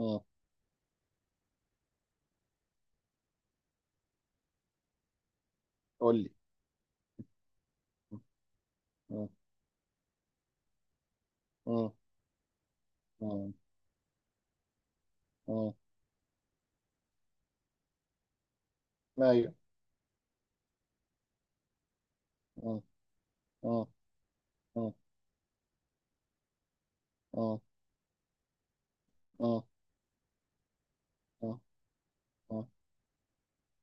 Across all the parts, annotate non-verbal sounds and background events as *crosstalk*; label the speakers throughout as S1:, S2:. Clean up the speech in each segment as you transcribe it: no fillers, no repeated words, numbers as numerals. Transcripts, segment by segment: S1: اه. قول لي. اه. اه. اه. اه. ايوه. اه. اه. اه. اه. اه. اه. اه.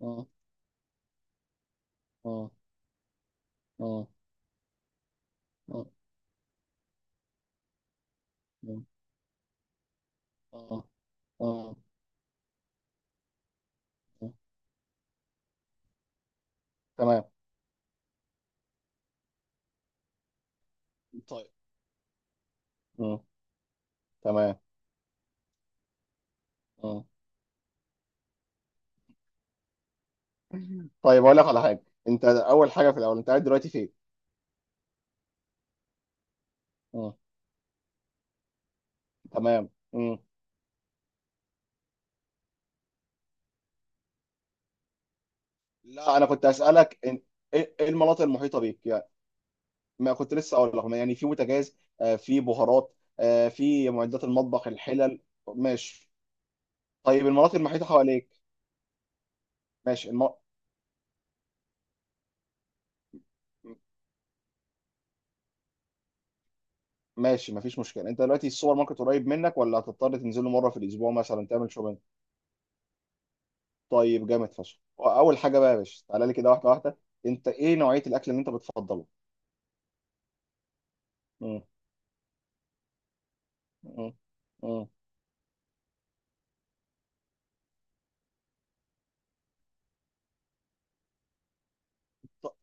S1: اه. اه. اه. اه. اه. اه. اه. تمام. طيب. اه. تمام. اه. *laughs* طيب، اقول لك على حاجه. انت اول حاجه، في الاول انت قاعد دلوقتي فين؟ اه. تمام. مم. لا، لا، انا كنت اسالك ايه المناطق المحيطه بيك يعني. ما كنت لسه اقول لك يعني، في بوتاجاز، في بهارات، في معدات المطبخ، الحلل. ماشي. طيب، المناطق المحيطه حواليك. ماشي. ماشي، مفيش مشكله. انت دلوقتي السوبر ماركت قريب منك، ولا هتضطر تنزله مره في الاسبوع مثلا تعمل شوبينج؟ طيب، جامد فشخ. اول حاجه بقى يا باشا، تعالى لي كده واحده واحده. انت ايه نوعيه الاكل اللي انت بتفضله؟ مم. مم. مم. ط-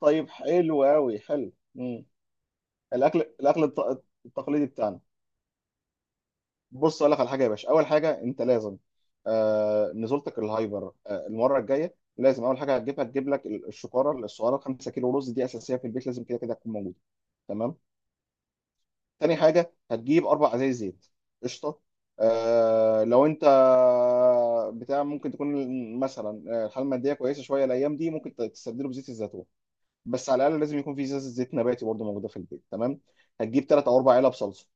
S1: طيب، حلو قوي، حلو. مم. الاكل التقليدي بتاعنا. بص اقول لك على حاجه يا باشا، اول حاجه انت لازم. نزولتك الهايبر المره الجايه، لازم اول حاجه هتجيبها، تجيب لك الشكاره الصغيره، 5 كيلو رز. دي اساسيه في البيت، لازم كده كده تكون موجوده. تمام. تاني حاجه، هتجيب 4 ازايز زيت. قشطه. لو انت بتاع ممكن تكون مثلا الحاله الماديه كويسه شويه الايام دي، ممكن تستبدله بزيت الزيتون. بس على الاقل لازم يكون في زيت، زيت نباتي برضه موجوده في البيت. تمام. هتجيب 3 او 4 علب صلصه.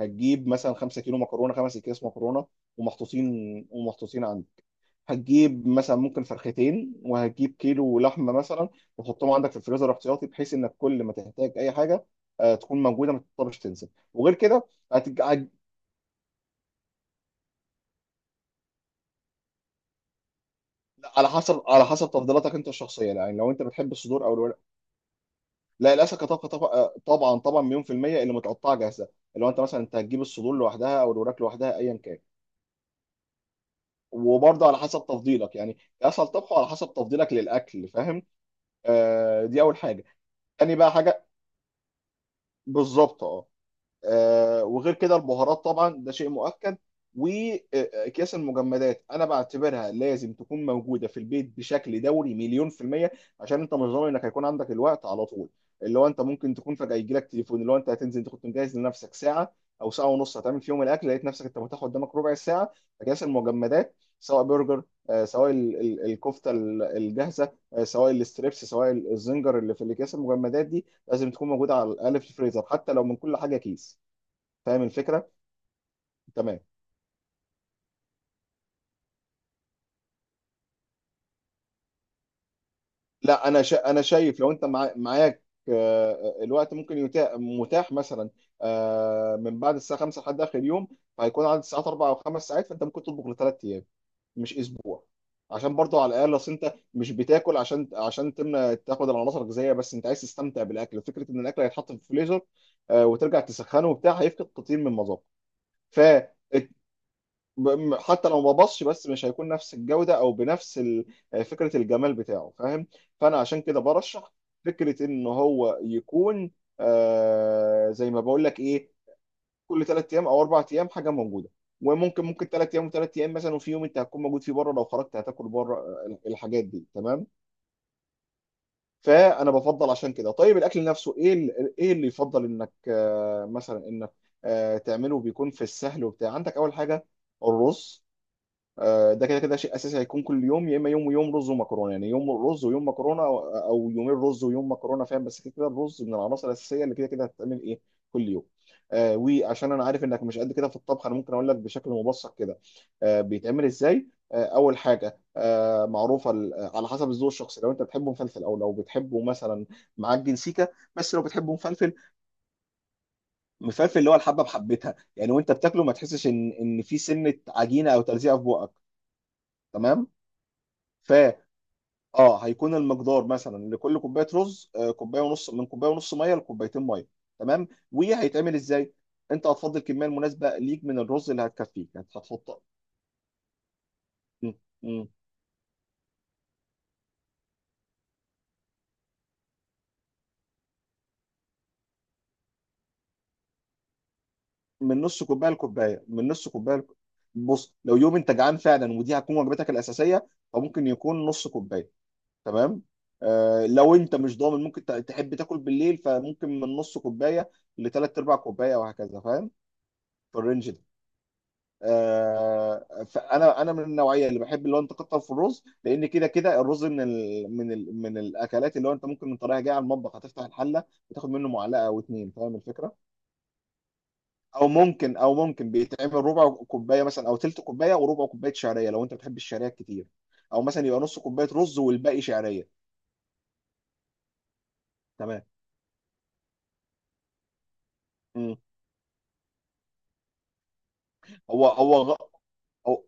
S1: هتجيب مثلا 5 كيلو مكرونه، 5 اكياس مكرونه ومحطوطين عندك. هتجيب مثلا ممكن فرختين، وهتجيب كيلو لحمه مثلا، وتحطهم عندك في الفريزر احتياطي، بحيث انك كل ما تحتاج اي حاجه تكون موجوده، ما تضطرش تنسى وغير كده. هتج... هت- على حسب تفضيلاتك انت الشخصيه يعني، لو انت بتحب الصدور او الورق. لا، الاسماك طبعا طبعا طبعا طبعاً مليون في الميه اللي متقطعه جاهزه. لو انت مثلا انت هتجيب الصدور لوحدها او الوراك لوحدها، ايا كان. وبرضه على حسب تفضيلك يعني، اسهل طبخه على حسب تفضيلك للاكل، فاهم. دي اول حاجه. تاني بقى حاجه. بالظبط. اه. وغير كده البهارات طبعا ده شيء مؤكد. واكياس المجمدات، انا بعتبرها لازم تكون موجوده في البيت بشكل دوري، مليون في الميه. عشان انت مش ضامن انك هيكون عندك الوقت على طول. اللي هو انت ممكن تكون فجاه يجي لك تليفون، اللي هو انت هتنزل، انت كنت مجهز لنفسك ساعه او ساعه ونص هتعمل فيهم الاكل، لقيت نفسك انت متاح قدامك ربع ساعه. اكياس المجمدات، سواء برجر، سواء الكفته الجاهزه، سواء الستريبس، سواء الزنجر، اللي في الاكياس المجمدات دي لازم تكون موجوده على الاقل في الفريزر، حتى لو من كل حاجه كيس. فاهم الفكره؟ تمام. لا، انا شايف لو انت معاك آه، الوقت ممكن يتاح، متاح مثلا من بعد الساعه 5 لحد اخر يوم. فهيكون عدد الساعات 4 او 5 ساعات، فانت ممكن تطبخ ل3 ايام، مش اسبوع. عشان برضو على الاقل، اصل انت مش بتاكل عشان تمنى تاخد العناصر الغذائيه، بس انت عايز تستمتع بالاكل. فكره ان الاكل هيتحط في الفريزر وترجع تسخنه وبتاع، هيفقد كتير من مذاقه. ف حتى لو ما بصش، بس مش هيكون نفس الجودة او بنفس فكرة الجمال بتاعه، فاهم. فانا عشان كده برشح فكرة ان هو يكون زي ما بقول لك، ايه، كل 3 ايام او 4 ايام حاجة موجودة. وممكن 3 ايام و3 ايام مثلا، وفي يوم انت هتكون موجود فيه بره، لو خرجت هتاكل بره، الحاجات دي. تمام. فانا بفضل عشان كده. طيب، الاكل نفسه ايه ايه اللي يفضل انك مثلا انك تعمله، بيكون في السهل وبتاع. عندك اول حاجة، الرز. ده كده كده شيء اساسي، هيكون كل يوم، يا اما يوم ويوم رز ومكرونه. يعني يوم رز ويوم مكرونه، او يومين رز ويوم مكرونه، فاهم. بس كده كده الرز من العناصر الاساسيه اللي كده كده هتتعمل ايه، كل يوم. وعشان انا عارف انك مش قد كده في الطبخ، انا ممكن اقول لك بشكل مبسط كده. بيتعمل ازاي. اول حاجه معروفه على حسب الذوق الشخصي، لو انت بتحبه مفلفل، او لو بتحبه مثلا معجن سيكه. بس لو بتحبه مفلفل. مفلفل اللي هو الحبه بحبتها يعني، وانت بتاكله ما تحسش ان في سنه عجينه او تلزيقه في بقك. تمام. اه، هيكون المقدار مثلا لكل كوبايه رز، كوبايه ونص، من كوبايه ونص ميه لكوبايتين ميه. تمام. وهيتعمل ازاي. انت هتفضي الكميه المناسبه ليك من الرز اللي هتكفيك يعني، هتحط م- م- من نص كوبايه لكوبايه، من نص كوبايه بص لو يوم انت جعان فعلا ودي هتكون وجبتك الاساسيه، فممكن يكون نص كوبايه، تمام. لو انت مش ضامن ممكن تحب تاكل بالليل، فممكن من نص كوبايه لثلاث ارباع كوبايه، وهكذا، فاهم. في الرينج ده. فانا من النوعيه اللي بحب اللي هو انت تكتر في الرز، لان كده كده الرز من ال من ال من الاكلات اللي هو انت ممكن من طريقه جايه على المطبخ هتفتح الحله، وتاخد منه معلقه او اتنين، فاهم الفكره. او ممكن بيتعمل ربع كوبايه مثلا، او تلت كوبايه وربع كوبايه شعريه لو انت بتحب الشعريه كتير، او مثلا يبقى نص كوبايه رز والباقي شعريه. تمام. مم. هو هو غ- هو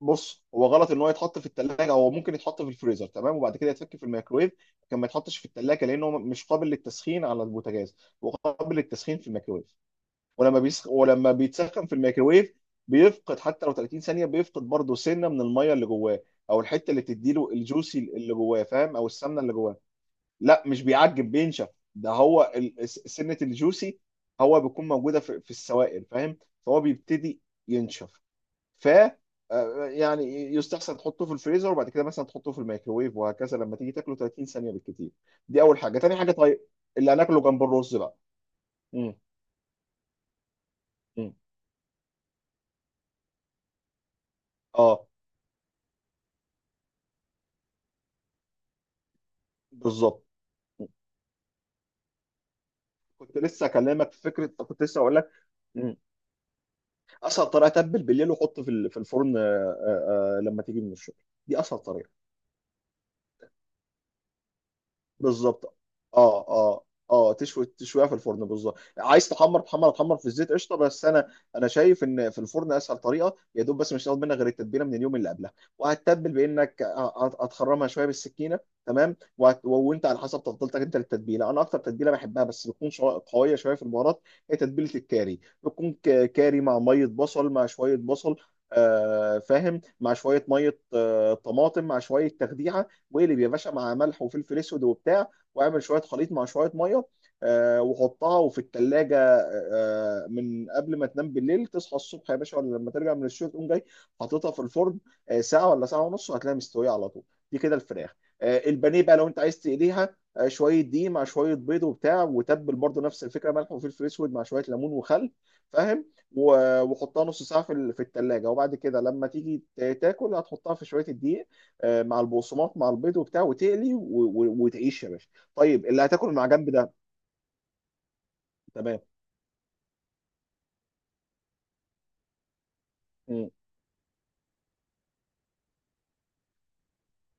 S1: بص، هو غلط ان هو يتحط في الثلاجه. هو ممكن يتحط في الفريزر، تمام، وبعد كده يتفك في الميكرويف. لكن ما يتحطش في الثلاجه، لانه مش قابل للتسخين على البوتاجاز، وقابل للتسخين في الميكرويف. ولما بيتسخن في الميكرويف بيفقد، حتى لو 30 ثانيه بيفقد، برضه سنه من الميه اللي جواه، او الحته اللي بتديله الجوسي اللي جواه، فاهم، او السمنه اللي جواه. لا، مش بيعجب، بينشف. ده هو سنه الجوسي، هو بيكون موجوده في السوائل، فاهم. فهو بيبتدي ينشف. ف آه، يعني يستحسن تحطه في الفريزر، وبعد كده مثلا تحطه في الميكروويف، وهكذا، لما تيجي تاكله 30 ثانيه بالكتير. دي اول حاجه. تاني حاجه، طيب، اللي هناكله جنب الرز بقى. مم. مم. اه، بالظبط. مم. كنت لسه اكلمك في فكره، كنت لسه اقول لك. مم. اسهل طريقه، تبل بالليل وحط في الفرن، لما تيجي من الشغل. دي اسهل طريقه. بالظبط. اه. اه. اه، تشوي، تشويها في الفرن، بالظبط، عايز تحمر، تحمر تحمر في الزيت، قشطه، بس انا شايف ان في الفرن اسهل طريقه، يا دوب، بس مش هتاخد منك غير التتبيله من اليوم اللي قبلها، وهتتبل بانك هتخرمها شويه بالسكينه. تمام. وانت على حسب تفضيلتك انت للتتبيله، انا اكتر تتبيله بحبها بس بتكون قويه شويه في البهارات. هي تتبيله الكاري، بتكون كاري مع ميه بصل، مع شويه بصل، فاهم، مع شويه ميه، طماطم، مع شويه تخديعه. واقلب يا باشا مع ملح وفلفل اسود وبتاع، واعمل شويه خليط مع شويه ميه، وحطها وفي الثلاجه. من قبل ما تنام بالليل، تصحى الصبح يا باشا، ولا لما ترجع من الشغل تقوم جاي حاططها في الفرن، ساعه ولا ساعه ونص، وهتلاقيها مستويه على طول. دي كده الفراخ. البانيه بقى لو انت عايز تقليها، شويه دقيق مع شويه بيض وبتاع، وتبل برضو نفس الفكره، ملح وفلفل اسود مع شويه ليمون وخل، فاهم. وحطها نص ساعه في الثلاجه، وبعد كده لما تيجي تاكل، هتحطها في شويه الدقيق، مع البقسماط، مع البيض وبتاع، وتقلي وتعيش يا باشا. طيب، اللي هتاكل مع جنب ده. تمام. مم.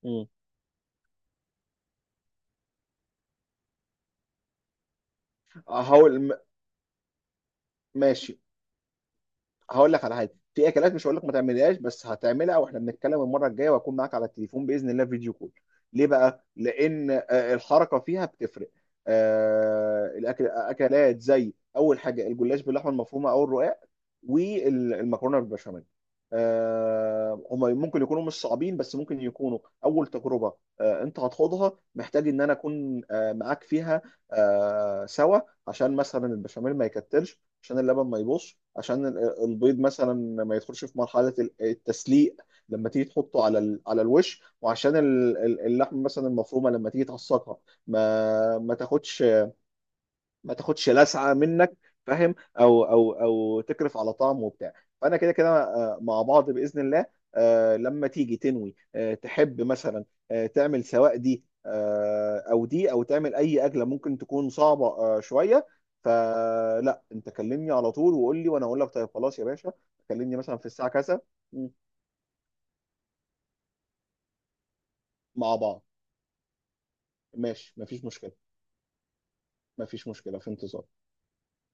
S1: مم. هقول م- ماشي. هقول لك على حاجه، في اكلات مش هقول لك ما تعملهاش، بس هتعملها واحنا بنتكلم المره الجايه، وهكون معاك على التليفون باذن الله، فيديو كول. ليه بقى؟ لان الحركه فيها بتفرق. الاكل، اكلات زي اول حاجه الجلاش باللحمه المفرومه او الرقاق، والمكرونه بالبشاميل، هما ممكن يكونوا مش صعبين، بس ممكن يكونوا اول تجربه انت هتخوضها، محتاج ان انا اكون معاك فيها سوا. عشان مثلا البشاميل ما يكتلش، عشان اللبن ما يبوظش، عشان البيض مثلا ما يدخلش في مرحله التسليق لما تيجي تحطه على الوش، وعشان اللحم مثلا المفرومه لما تيجي تعصقها، ما تاخدش، ما تاخدش لسعه منك، فاهم. او تكرف على طعم وبتاع. فانا كده كده مع بعض باذن الله، لما تيجي تنوي تحب مثلا تعمل سواء دي، او دي، او تعمل اي اكله ممكن تكون صعبه شويه. فلا انت كلمني على طول وقول لي، وانا اقول لك. طيب، خلاص يا باشا، كلمني مثلا في الساعه كذا. مم. مع بعض. ماشي، مفيش مشكله. مفيش مشكله، في انتظار.